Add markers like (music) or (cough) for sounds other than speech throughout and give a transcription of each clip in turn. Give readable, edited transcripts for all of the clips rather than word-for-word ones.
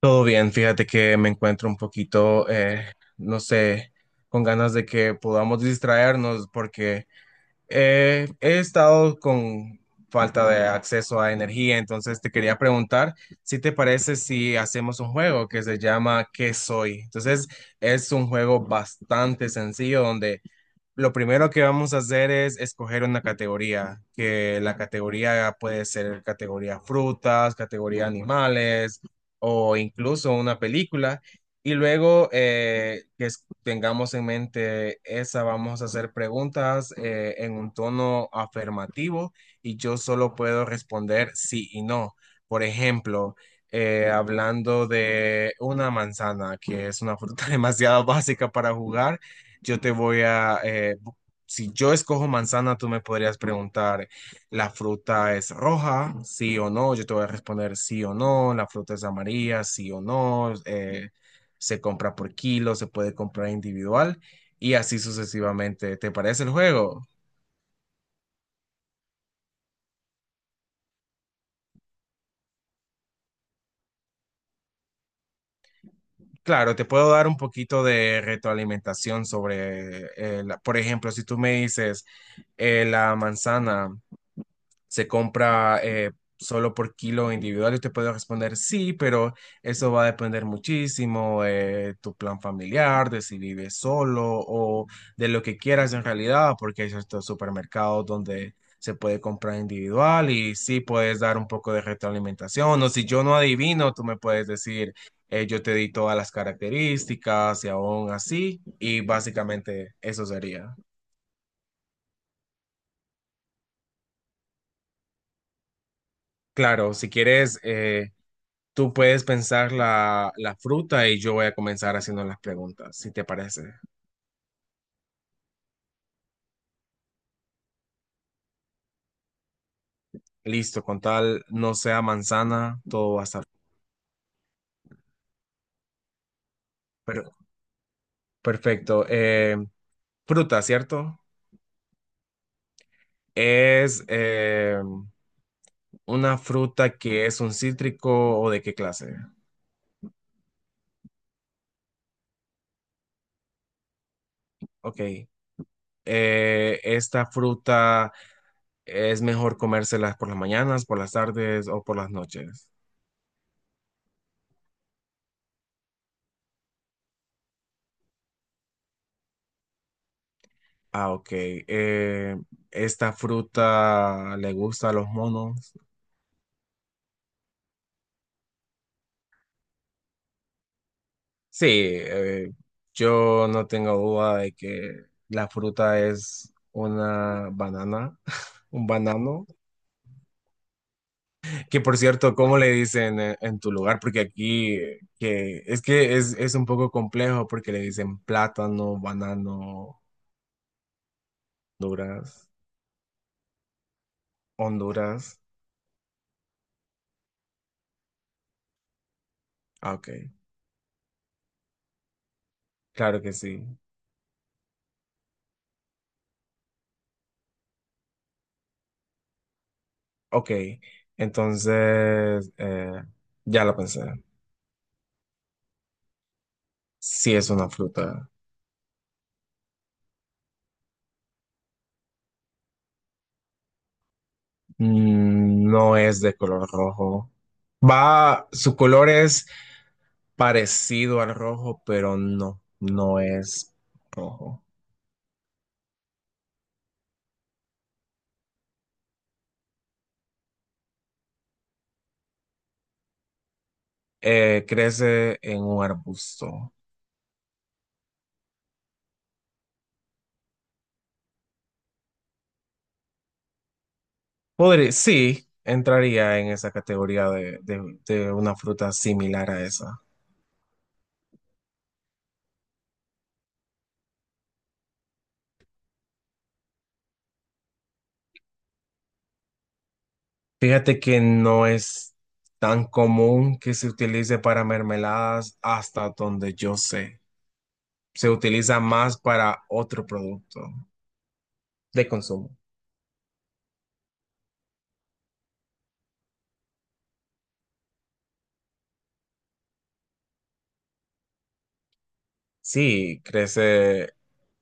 Todo bien, fíjate que me encuentro un poquito, no sé, con ganas de que podamos distraernos porque he estado con falta de acceso a energía. Entonces te quería preguntar si te parece si hacemos un juego que se llama ¿Qué soy? Entonces es un juego bastante sencillo donde lo primero que vamos a hacer es escoger una categoría, que la categoría puede ser categoría frutas, categoría animales o incluso una película. Y luego tengamos en mente esa, vamos a hacer preguntas en un tono afirmativo, y yo solo puedo responder sí y no. Por ejemplo, hablando de una manzana, que es una fruta (laughs) demasiado básica para jugar, yo te voy a, bu- si yo escojo manzana, tú me podrías preguntar, ¿la fruta es roja? Sí o no. Yo te voy a responder sí o no. ¿La fruta es amarilla? Sí o no. Se compra por kilo, se puede comprar individual y así sucesivamente. ¿Te parece el juego? Claro, te puedo dar un poquito de retroalimentación sobre, por ejemplo, si tú me dices la manzana se compra solo por kilo individual, yo te puedo responder sí, pero eso va a depender muchísimo de tu plan familiar, de si vives solo o de lo que quieras en realidad, porque hay ciertos supermercados donde se puede comprar individual y sí puedes dar un poco de retroalimentación. O si yo no adivino, tú me puedes decir, yo te di todas las características y aún así, y básicamente eso sería. Claro, si quieres... tú puedes pensar la fruta y yo voy a comenzar haciendo las preguntas, si te parece. Listo, con tal no sea manzana, todo va a estar per- perfecto. Fruta, ¿cierto? ¿Es una fruta que es un cítrico o de qué clase? Ok. ¿Esta fruta es mejor comérselas por las mañanas, por las tardes o por las noches? Ah, ok. ¿Esta fruta le gusta a los monos? Sí, yo no tengo duda de que la fruta es una banana, (laughs) un banano, que por cierto, ¿cómo le dicen en tu lugar? Porque aquí, es un poco complejo porque le dicen plátano, banano, Honduras, Honduras. Ah, ok, claro que sí. Ok, entonces, ya lo pensé. Sí es una fruta. Mm, no es de color rojo. Va, su color es parecido al rojo, pero no, no es rojo. Crece en un arbusto. Podría, sí, entraría en esa categoría de, de una fruta similar a esa. Fíjate que no es tan común que se utilice para mermeladas hasta donde yo sé. Se utiliza más para otro producto de consumo. Sí, crece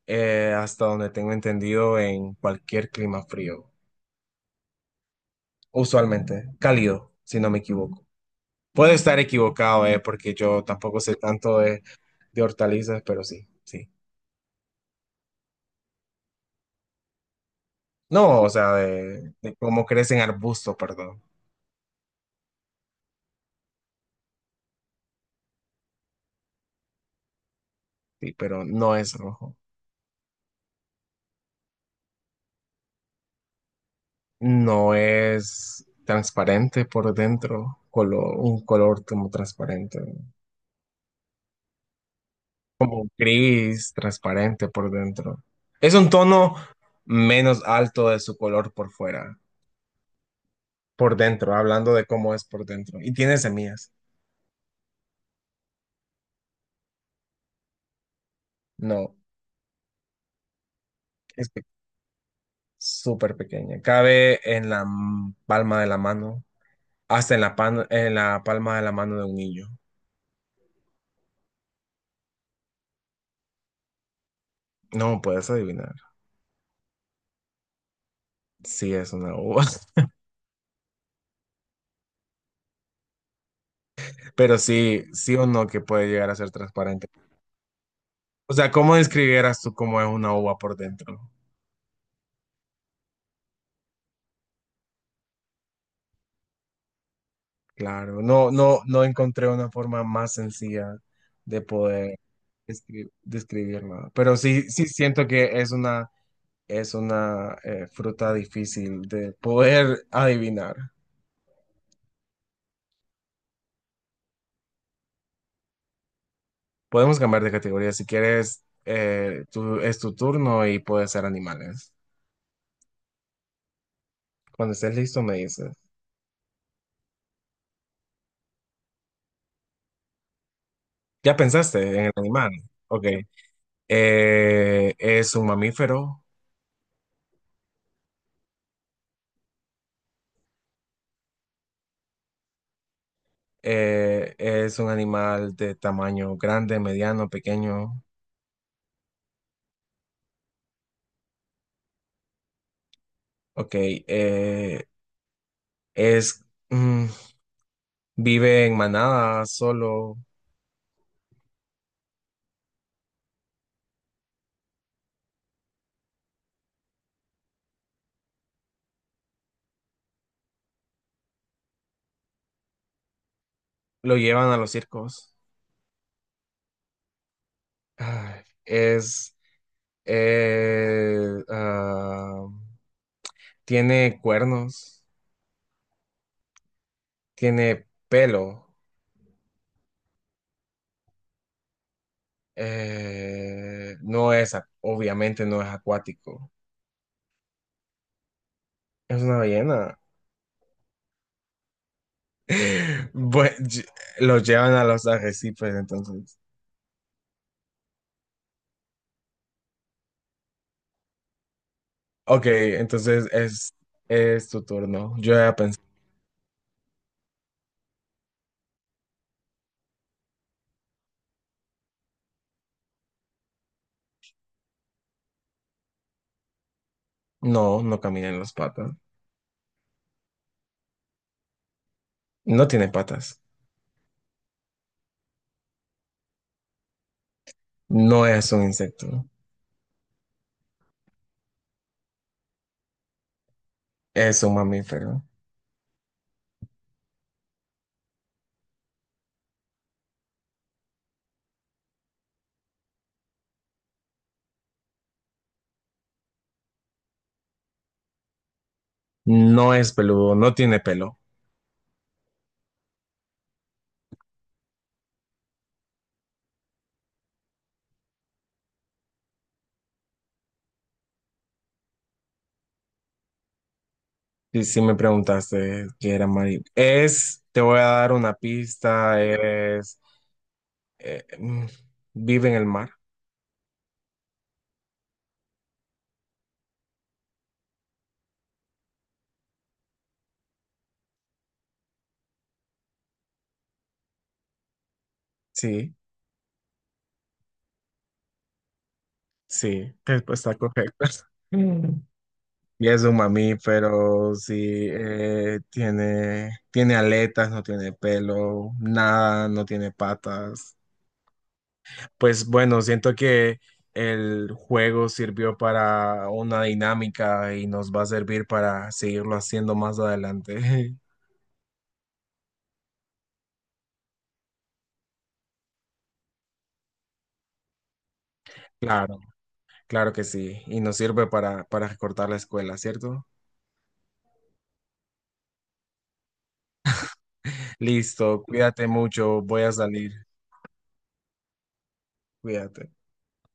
hasta donde tengo entendido en cualquier clima frío, usualmente cálido, si no me equivoco. Puedo estar equivocado, porque yo tampoco sé tanto de hortalizas, pero sí, sí. No, o sea, de cómo crecen arbustos, perdón. Sí, pero no es rojo. No es transparente por dentro, un color como transparente. Como gris transparente por dentro. Es un tono menos alto de su color por fuera, por dentro, hablando de cómo es por dentro. Y tiene semillas. No, es pe- súper pequeña. Cabe en la palma de la mano, hasta en la, en la palma de la mano de un niño. No puedes adivinar. Sí, es una uva, (laughs) pero sí, sí o no que puede llegar a ser transparente. O sea, ¿cómo describieras tú cómo es una uva por dentro? Claro, no, no, no encontré una forma más sencilla de poder describirla, pero sí, sí siento que es una fruta difícil de poder adivinar. Podemos cambiar de categoría si quieres, es tu turno y puede ser animales. Cuando estés listo me dices. ¿Ya pensaste en el animal? Ok. Es un mamífero. Es un animal de tamaño grande, mediano, pequeño. Ok, es, mm, vive en manada, solo lo llevan a los circos. Ay, eh, ah, tiene cuernos, tiene pelo, no es, obviamente no es acuático, es una ballena. (laughs) Bue- ll- lo llevan a los arrecifes, entonces. Ok, entonces es tu turno. Yo ya pensé, no, no camina en las patas. No tiene patas. No es un insecto. Es un mamífero. No es peludo. No tiene pelo. Y si me preguntaste qué era Mari, es, te voy a dar una pista, es, eh, mm, vive en el mar. Sí, sí, respuesta correcta. Mm. Y es un mamífero, sí, tiene, tiene aletas, no tiene pelo, nada, no tiene patas. Pues bueno, siento que el juego sirvió para una dinámica y nos va a servir para seguirlo haciendo más adelante. (laughs) Claro, claro que sí. Y nos sirve para recortar la escuela, ¿cierto? Listo, cuídate mucho, voy a salir. Cuídate.